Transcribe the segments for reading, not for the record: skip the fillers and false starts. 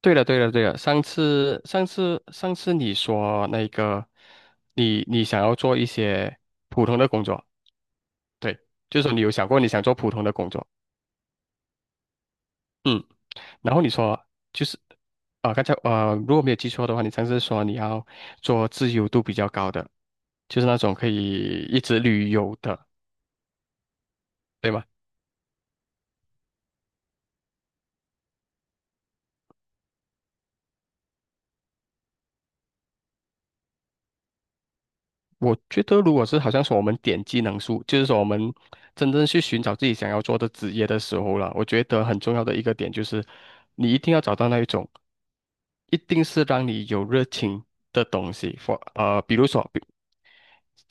对了，对了，对了，上次你说那个，你想要做一些普通的工作。对，就是说你有想过你想做普通的工作。嗯，然后你说就是刚才如果没有记错的话，你上次说你要做自由度比较高的，就是那种可以一直旅游的，对吗？我觉得，如果是好像说我们点技能树，就是说我们真正去寻找自己想要做的职业的时候了，我觉得很重要的一个点就是，你一定要找到那一种，一定是让你有热情的东西。比如说，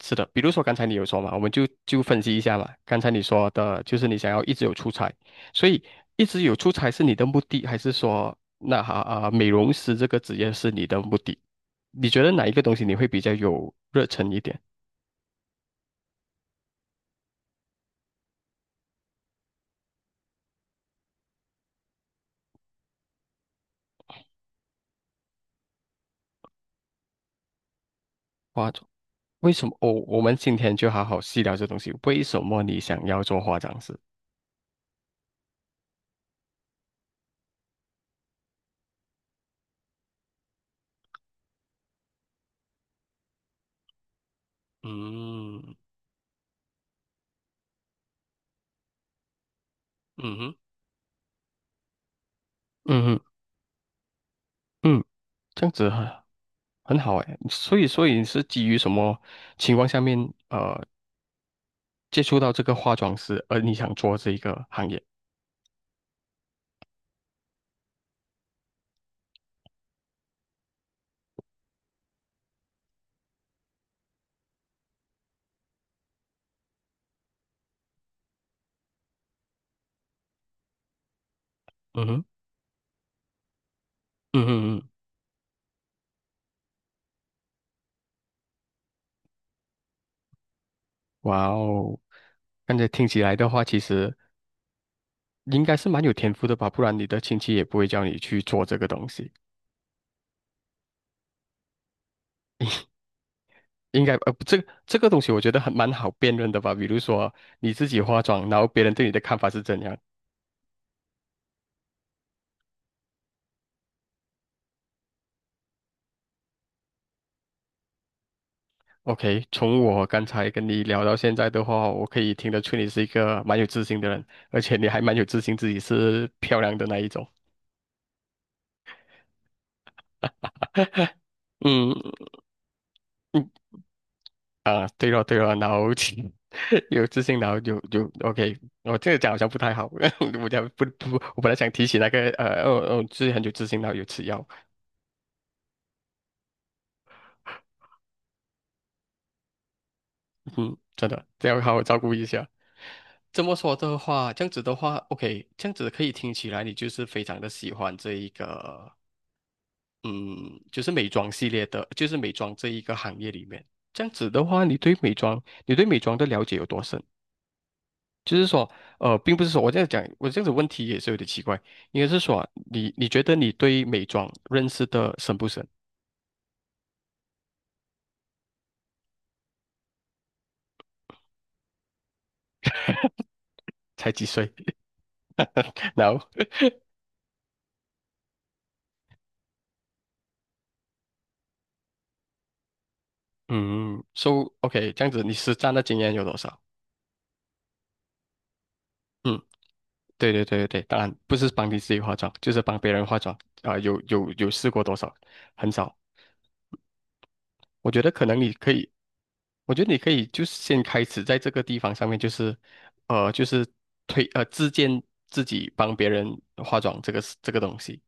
是的，比如说刚才你有说嘛，我们就分析一下嘛。刚才你说的就是你想要一直有出差，所以一直有出差是你的目的，还是说那哈啊、美容师这个职业是你的目的？你觉得哪一个东西你会比较有热忱一点？化妆，为什么？哦，我们今天就好好细聊这东西。为什么你想要做化妆师？嗯嗯哼，嗯嗯嗯，这样子很好哎。所以，所以你是基于什么情况下面呃接触到这个化妆师，而你想做这一个行业？嗯哼，嗯哼嗯，哇哦！刚才听起来的话，其实应该是蛮有天赋的吧，不然你的亲戚也不会叫你去做这个东西。这个东西我觉得蛮好辨认的吧。比如说你自己化妆，然后别人对你的看法是怎样。OK，从我刚才跟你聊到现在的话，我可以听得出你是一个蛮有自信的人，而且你还蛮有自信自己是漂亮的那一种。嗯啊，对了对了，然后 有自信，然后有 OK，我这个讲好像不太好，我讲不，我本来想提起哦哦，自己很有自信，然后有吃药。嗯，真的，这要好好照顾一下。这么说的话，这样子的话，OK，这样子可以听起来你就是非常的喜欢这一个，嗯，就是美妆系列的，就是美妆这一个行业里面。这样子的话，你对美妆，你对美妆的了解有多深？就是说，呃，并不是说我这样讲，我这样子问题也是有点奇怪，应该是说你觉得你对美妆认识的深不深？才几岁？然后，嗯，so OK，这样子你实战的经验有多少？嗯，对对对对对，当然不是帮你自己化妆，就是帮别人化妆有有试过多少？很少。我觉得可能你可以，我觉得你可以就是先开始在这个地方上面，就是呃，就是自荐自己帮别人化妆这个东西。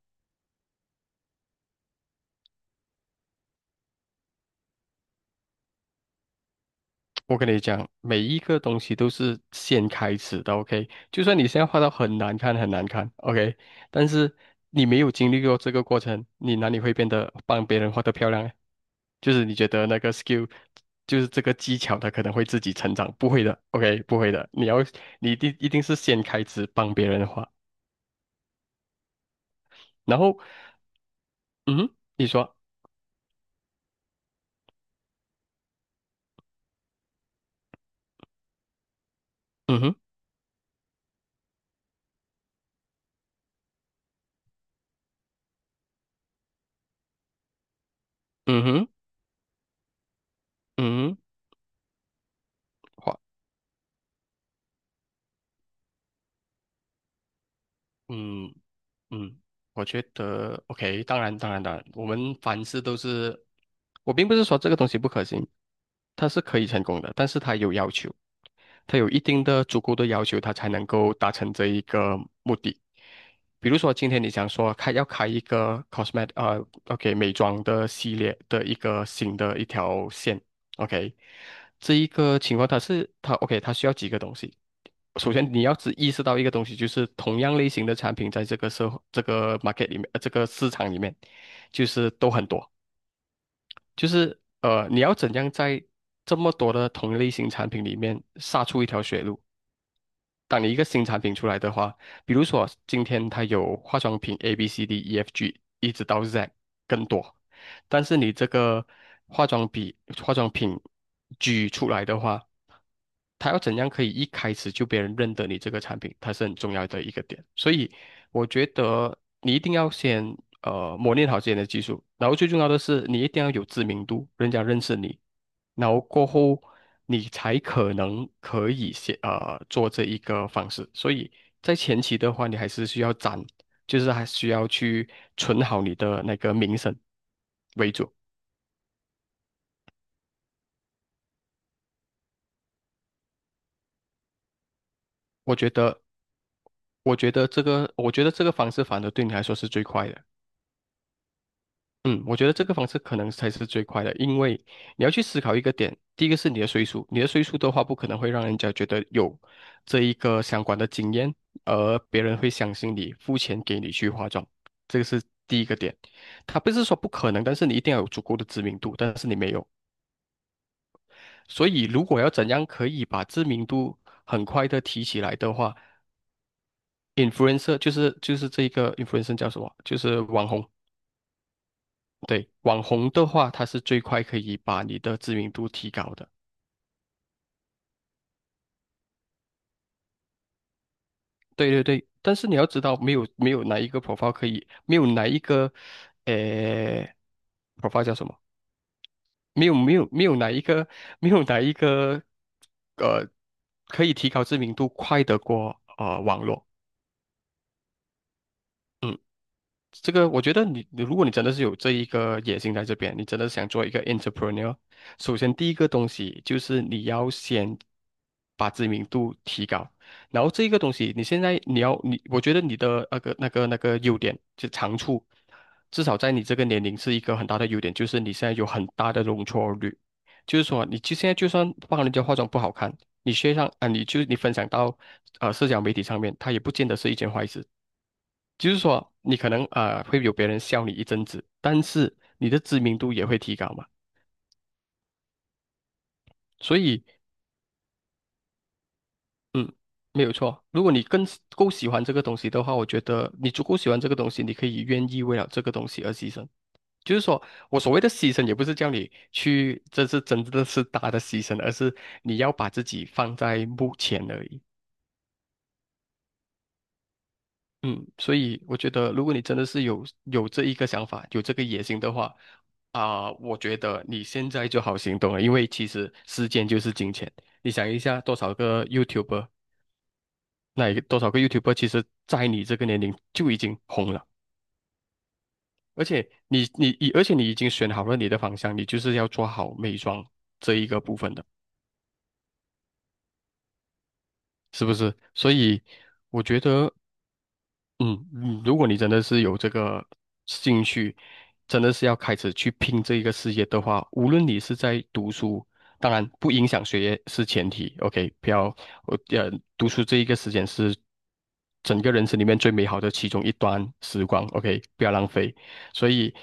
我跟你讲，每一个东西都是先开始的，OK？就算你现在画到很难看、很难看，OK？但是你没有经历过这个过程，你哪里会变得帮别人画得漂亮呢？就是你觉得那个 skill，就是这个技巧，它可能会自己成长，不会的，OK？不会的，你一定一定是先开始帮别人画，然后嗯哼，你说嗯哼嗯哼嗯哼画嗯嗯。我觉得 OK，当然，当然，当然，我们凡事都是我并不是说这个东西不可行，它是可以成功的，但是它有要求，它有一定的足够的要求，它才能够达成这一个目的。比如说，今天你想说要开一个 OK 美妆的系列的一个新的一条线，OK，这一个情况它 OK 它需要几个东西。首先，你要只意识到一个东西，就是同样类型的产品在这个社会、这个 market 里面、这个市场里面，就是都很多。你要怎样在这么多的同类型产品里面杀出一条血路？当你一个新产品出来的话，比如说今天它有化妆品 A、B、C、D、E、F、G，一直到 Z 更多，但是你这个化妆品化妆品 G 出来的话，他要怎样可以一开始就别人认得你这个产品，它是很重要的一个点。所以我觉得你一定要先磨练好自己的技术，然后最重要的是你一定要有知名度，人家认识你，然后过后你才可能可以做这一个方式。所以在前期的话，你还是需要攒，就是还需要去存好你的那个名声为主。我觉得，我觉得这个，我觉得这个方式反而对你来说是最快的。嗯，我觉得这个方式可能才是最快的，因为你要去思考一个点，第一个是你的岁数，你的岁数的话，不可能会让人家觉得有这一个相关的经验，而别人会相信你，付钱给你去化妆，这个是第一个点。他不是说不可能，但是你一定要有足够的知名度，但是你没有，所以如果要怎样可以把知名度很快的提起来的话，influencer 就是这一个 influencer 叫什么？就是网红。对，网红的话，它是最快可以把你的知名度提高的。对对对，但是你要知道，没有哪一个 profile 可以，没有哪一个，呃，profile 叫什么？没有哪一个没有哪一个，呃，可以提高知名度快得过网络。这个我觉得你，你如果你真的是有这一个野心在这边，你真的想做一个 entrepreneur，首先第一个东西就是你要先把知名度提高，然后这一个东西你现在你，我觉得你的那个优点就长处，至少在你这个年龄是一个很大的优点，就是你现在有很大的容错率，就是说现在就算帮人家化妆不好看，你学上啊，你就你分享到社交媒体上面，它也不见得是一件坏事。就是说，你可能会有别人笑你一阵子，但是你的知名度也会提高嘛。所以，嗯，没有错。如果你够喜欢这个东西的话，我觉得你足够喜欢这个东西，你可以愿意为了这个东西而牺牲。就是说我所谓的牺牲，也不是叫你去，这是真的是大的牺牲，而是你要把自己放在目前而已。嗯，所以我觉得，如果你真的是有这一个想法，有这个野心的话，我觉得你现在就好行动了，因为其实时间就是金钱。你想一下，多少个 YouTuber，那一个多少个 YouTuber，其实在你这个年龄就已经红了，而且你，而且你已经选好了你的方向，你就是要做好美妆这一个部分的，是不是？所以我觉得。嗯嗯，如果你真的是有这个兴趣，真的是要开始去拼这一个事业的话，无论你是在读书，当然不影响学业是前提，OK，不要我呃，读书这一个时间是整个人生里面最美好的其中一段时光，OK，不要浪费。所以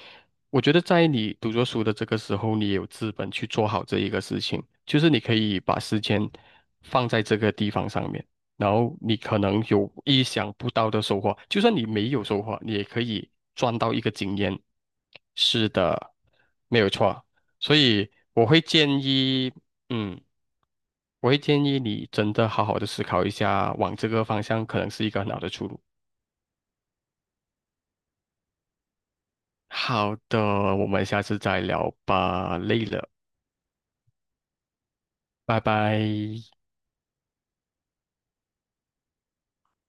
我觉得在你读着书的这个时候，你也有资本去做好这一个事情，就是你可以把时间放在这个地方上面。然后你可能有意想不到的收获，就算你没有收获，你也可以赚到一个经验。是的，没有错。所以我会建议，嗯，我会建议你真的好好的思考一下，往这个方向可能是一个很好的出路。好的，我们下次再聊吧，累了，拜拜。